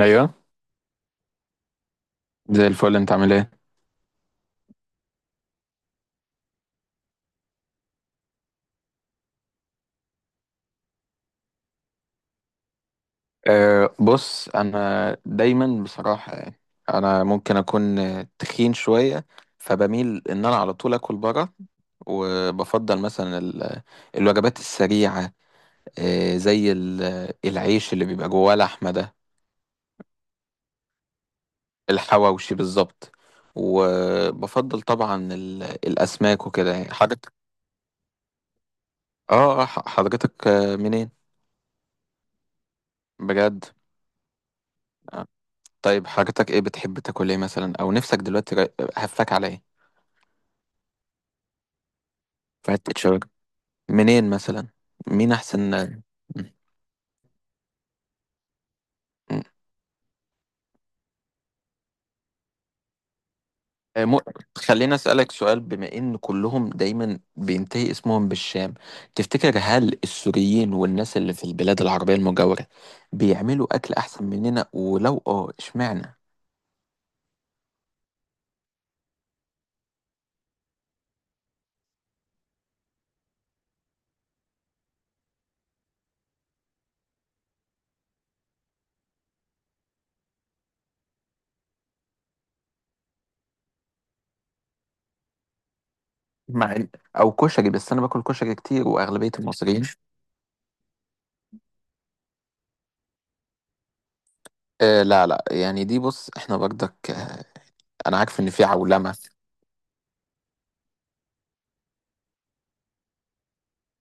ايوه. زي الفل، انت عامل ايه؟ بص انا دايما بصراحه يعني انا ممكن اكون تخين شويه، فبميل ان انا على طول اكل بره. وبفضل مثلا الوجبات السريعه. زي العيش اللي بيبقى جواه لحمه ده. الحواوشي بالظبط. وبفضل طبعا الاسماك وكده يعني حضرتك. اه، حضرتك منين؟ بجد؟ آه، طيب حضرتك، ايه بتحب تاكل ايه مثلا، او نفسك دلوقتي هفاك على ايه؟ فاتت شبكة. منين مثلا؟ مين أحسن م- م- خليني أسألك سؤال، بما إن كلهم دايما بينتهي اسمهم بالشام، تفتكر هل السوريين والناس اللي في البلاد العربية المجاورة بيعملوا أكل أحسن مننا؟ ولو إشمعنى؟ مع إن- أو كشري، بس أنا باكل كشري كتير وأغلبية المصريين. لا لا، يعني دي بص، إحنا برضك أنا عارف إن في عولمة.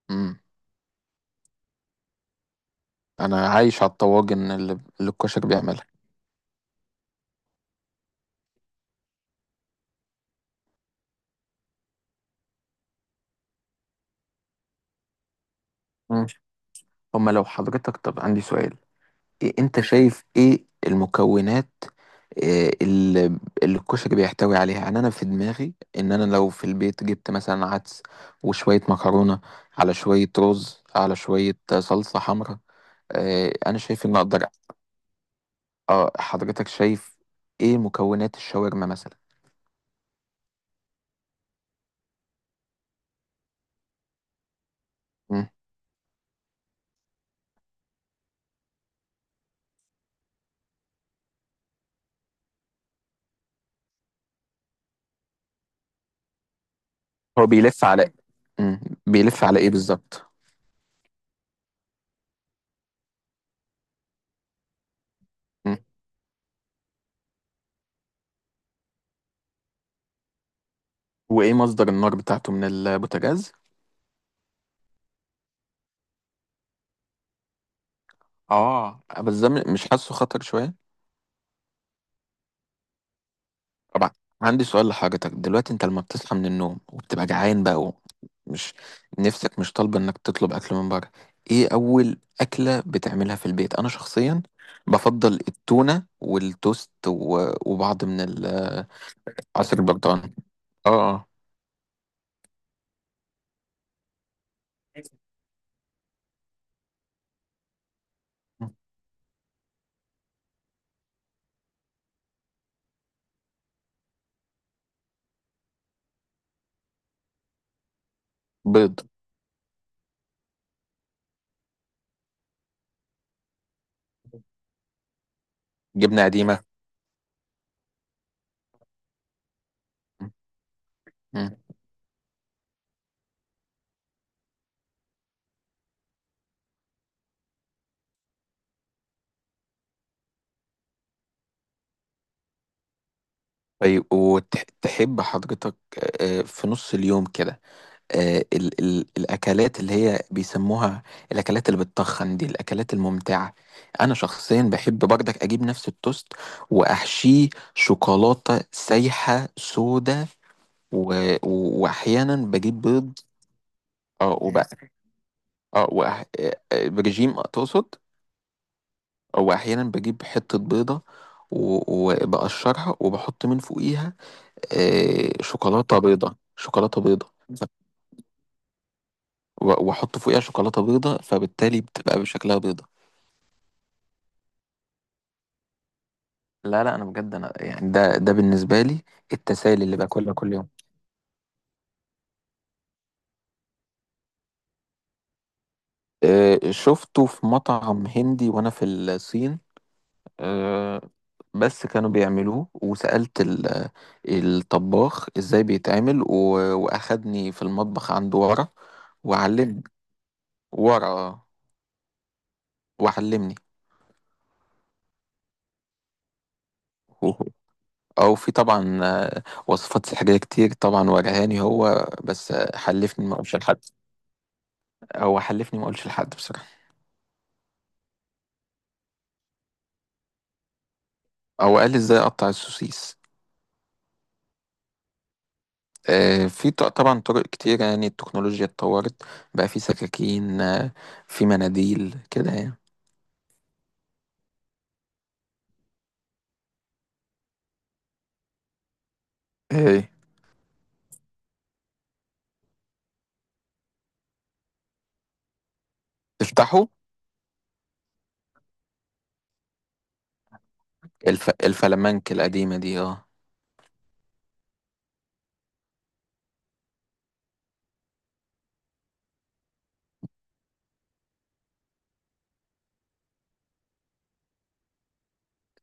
مم. أنا عايش على الطواجن اللي الكشري بيعملها. مم. هما لو حضرتك، طب عندي سؤال، إيه انت شايف ايه المكونات آه، اللي اللي الكشري بيحتوي عليها؟ يعني انا في دماغي ان انا لو في البيت جبت مثلا عدس وشوية مكرونة على شوية رز على شوية صلصة حمراء، انا شايف ان اقدر. اه، حضرتك شايف ايه مكونات الشاورما مثلا؟ مم. هو بيلف على... مم. بيلف على ايه بالظبط؟ مم. وايه مصدر النار بتاعته، من البوتاجاز؟ اه، بس ده مش حاسه خطر شوية؟ طبعا. عندي سؤال لحضرتك دلوقتي، انت لما بتصحى من النوم وبتبقى جعان بقى، ومش نفسك مش طالبه انك تطلب اكل من بره، ايه اول اكله بتعملها في البيت؟ انا شخصيا بفضل التونه والتوست وبعض من عصير البرتقال. اه. آه. بيض. جبنه قديمه. مم. طيب، وتحب حضرتك في نص اليوم كده، ال ال الاكلات اللي هي بيسموها الاكلات اللي بتتخن دي، الاكلات الممتعه؟ انا شخصيا بحب بردك اجيب نفس التوست واحشيه شوكولاته سايحه سودة، و... واحيانا بجيب بيض. اه، وبقى اه وأح... آه، آه، برجيم تقصد. واحيانا بجيب حته بيضه وبقشرها وبحط من فوقيها شوكولاته بيضه، شوكولاته بيضه. ف- واحط فوقيها شوكولاته بيضه، فبالتالي بتبقى بشكلها بيضه. لا لا، انا بجد انا يعني ده بالنسبه لي التسالي اللي باكلها كل يوم. شفته في مطعم هندي وانا في الصين. آه، بس كانوا بيعملوه، وسالت الطباخ ازاي بيتعمل، واخدني في المطبخ عنده ورا وعلمني. ورا وعلمني. هو- او في طبعا وصفات سحريه كتير، طبعا ورهاني هو بس حلفني ما اقولش لحد. او حلفني ما اقولش لحد بصراحه. او قال لي ازاي اقطع السوسيس. طبعا طرق كتير، يعني التكنولوجيا اتطورت، بقى في سكاكين في مناديل كده يعني. ايه. افتحوا الفلامنك القديمة دي، اه.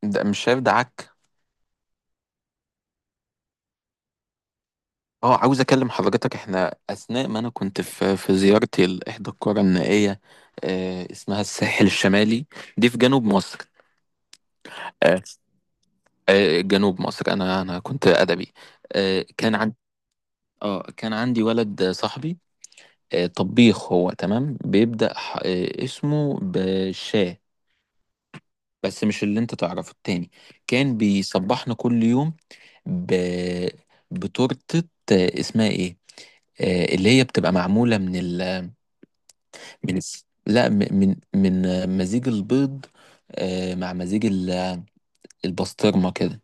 ده مش شايف ده عك. اه، عاوز اكلم حضرتك، احنا اثناء ما انا كنت في زيارتي لاحدى القرى النائية اسمها الساحل الشمالي، دي في جنوب مصر. آه، جنوب مصر، انا كنت ادبي. كان عندي، اه، كان عندي ولد صاحبي طبيخ، هو تمام، بيبدأ اسمه بشاه. بس مش اللي انت تعرفه التاني. كان بيصبحنا كل يوم ب... بتورتة اسمها ايه، اللي هي بتبقى معمولة من ال... من الس- لا، من مزيج البيض مع مزيج البسطرمة كده.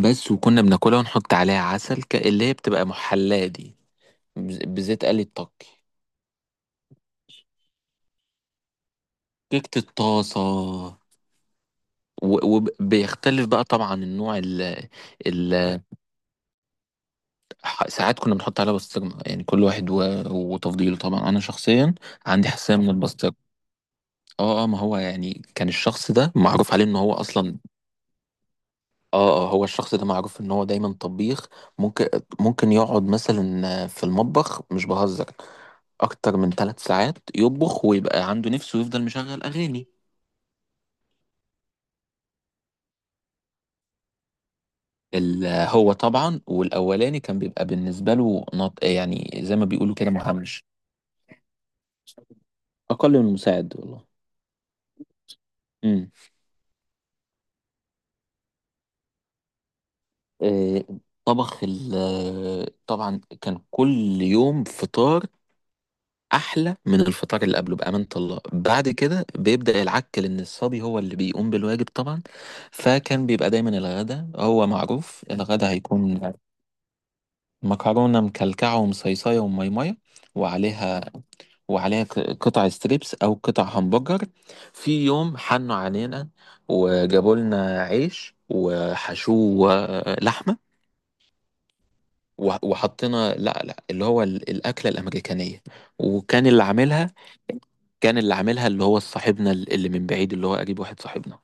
بس، وكنا بناكلها ونحط عليها عسل، اللي هي بتبقى محلاة دي، بزيت قلي الطكي. كيكة الطاسة. وبيختلف بقى طبعا النوع ال ساعات كنا بنحط عليها بسطرمة، يعني كل واحد وتفضيله. طبعا انا شخصيا عندي حساسية من البسطرمة. اه اه، ما هو يعني كان الشخص ده معروف عليه ان هو اصلا. اه اه، هو الشخص ده معروف ان هو دايما طبيخ. ممكن ممكن يقعد مثلا في المطبخ، مش بهزر، اكتر من 3 ساعات يطبخ، ويبقى عنده نفسه ويفضل مشغل اغاني. هو طبعا والاولاني كان بيبقى بالنسبه له يعني زي ما بيقولوا كده، مهمش. أقل من المساعد والله. امم. آه، طبخ ال آه، طبعا كان كل يوم فطار أحلى من الفطار اللي قبله، بأمانة الله. بعد كده بيبدأ العك، لأن الصبي هو اللي بيقوم بالواجب طبعا. فكان بيبقى دايما الغدا، هو معروف الغدا هيكون مكرونة مكلكعة ومصيصية وميمية، وعليها وعليها قطع ستريبس او قطع همبرجر. في يوم حنوا علينا وجابوا لنا عيش وحشوه لحمه، وحطينا، لا لا، اللي هو الاكله الامريكانيه. وكان اللي عاملها كان اللي عاملها اللي هو صاحبنا اللي من بعيد، اللي هو قريب واحد صاحبنا.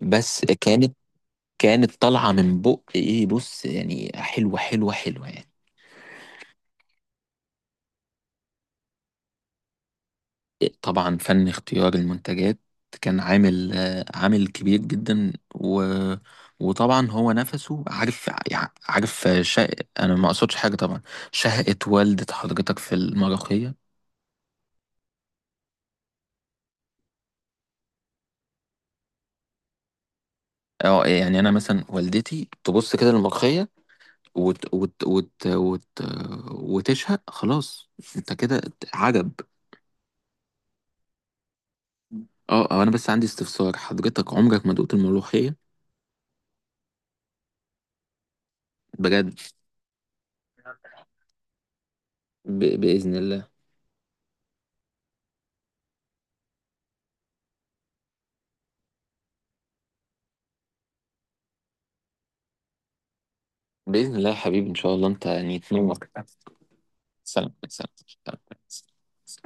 بس كانت طالعه من بق، ايه بص، يعني حلوه حلوه حلوه يعني. طبعا فن اختيار المنتجات كان عامل كبير جدا، وطبعا هو نفسه عارف، انا ما اقصدش حاجه طبعا. شهقت والدة حضرتك في المرخيه. اه، يعني انا مثلا والدتي تبص كده للمرخيه وت... وت... وت... وت... وتشهق، خلاص انت كده عجب. اه، أو انا بس عندي استفسار، حضرتك عمرك ما دقت الملوخيه؟ بجد. باذن الله. باذن الله يا حبيبي، ان شاء الله انت يعني تنور. سلام سلام. سلام.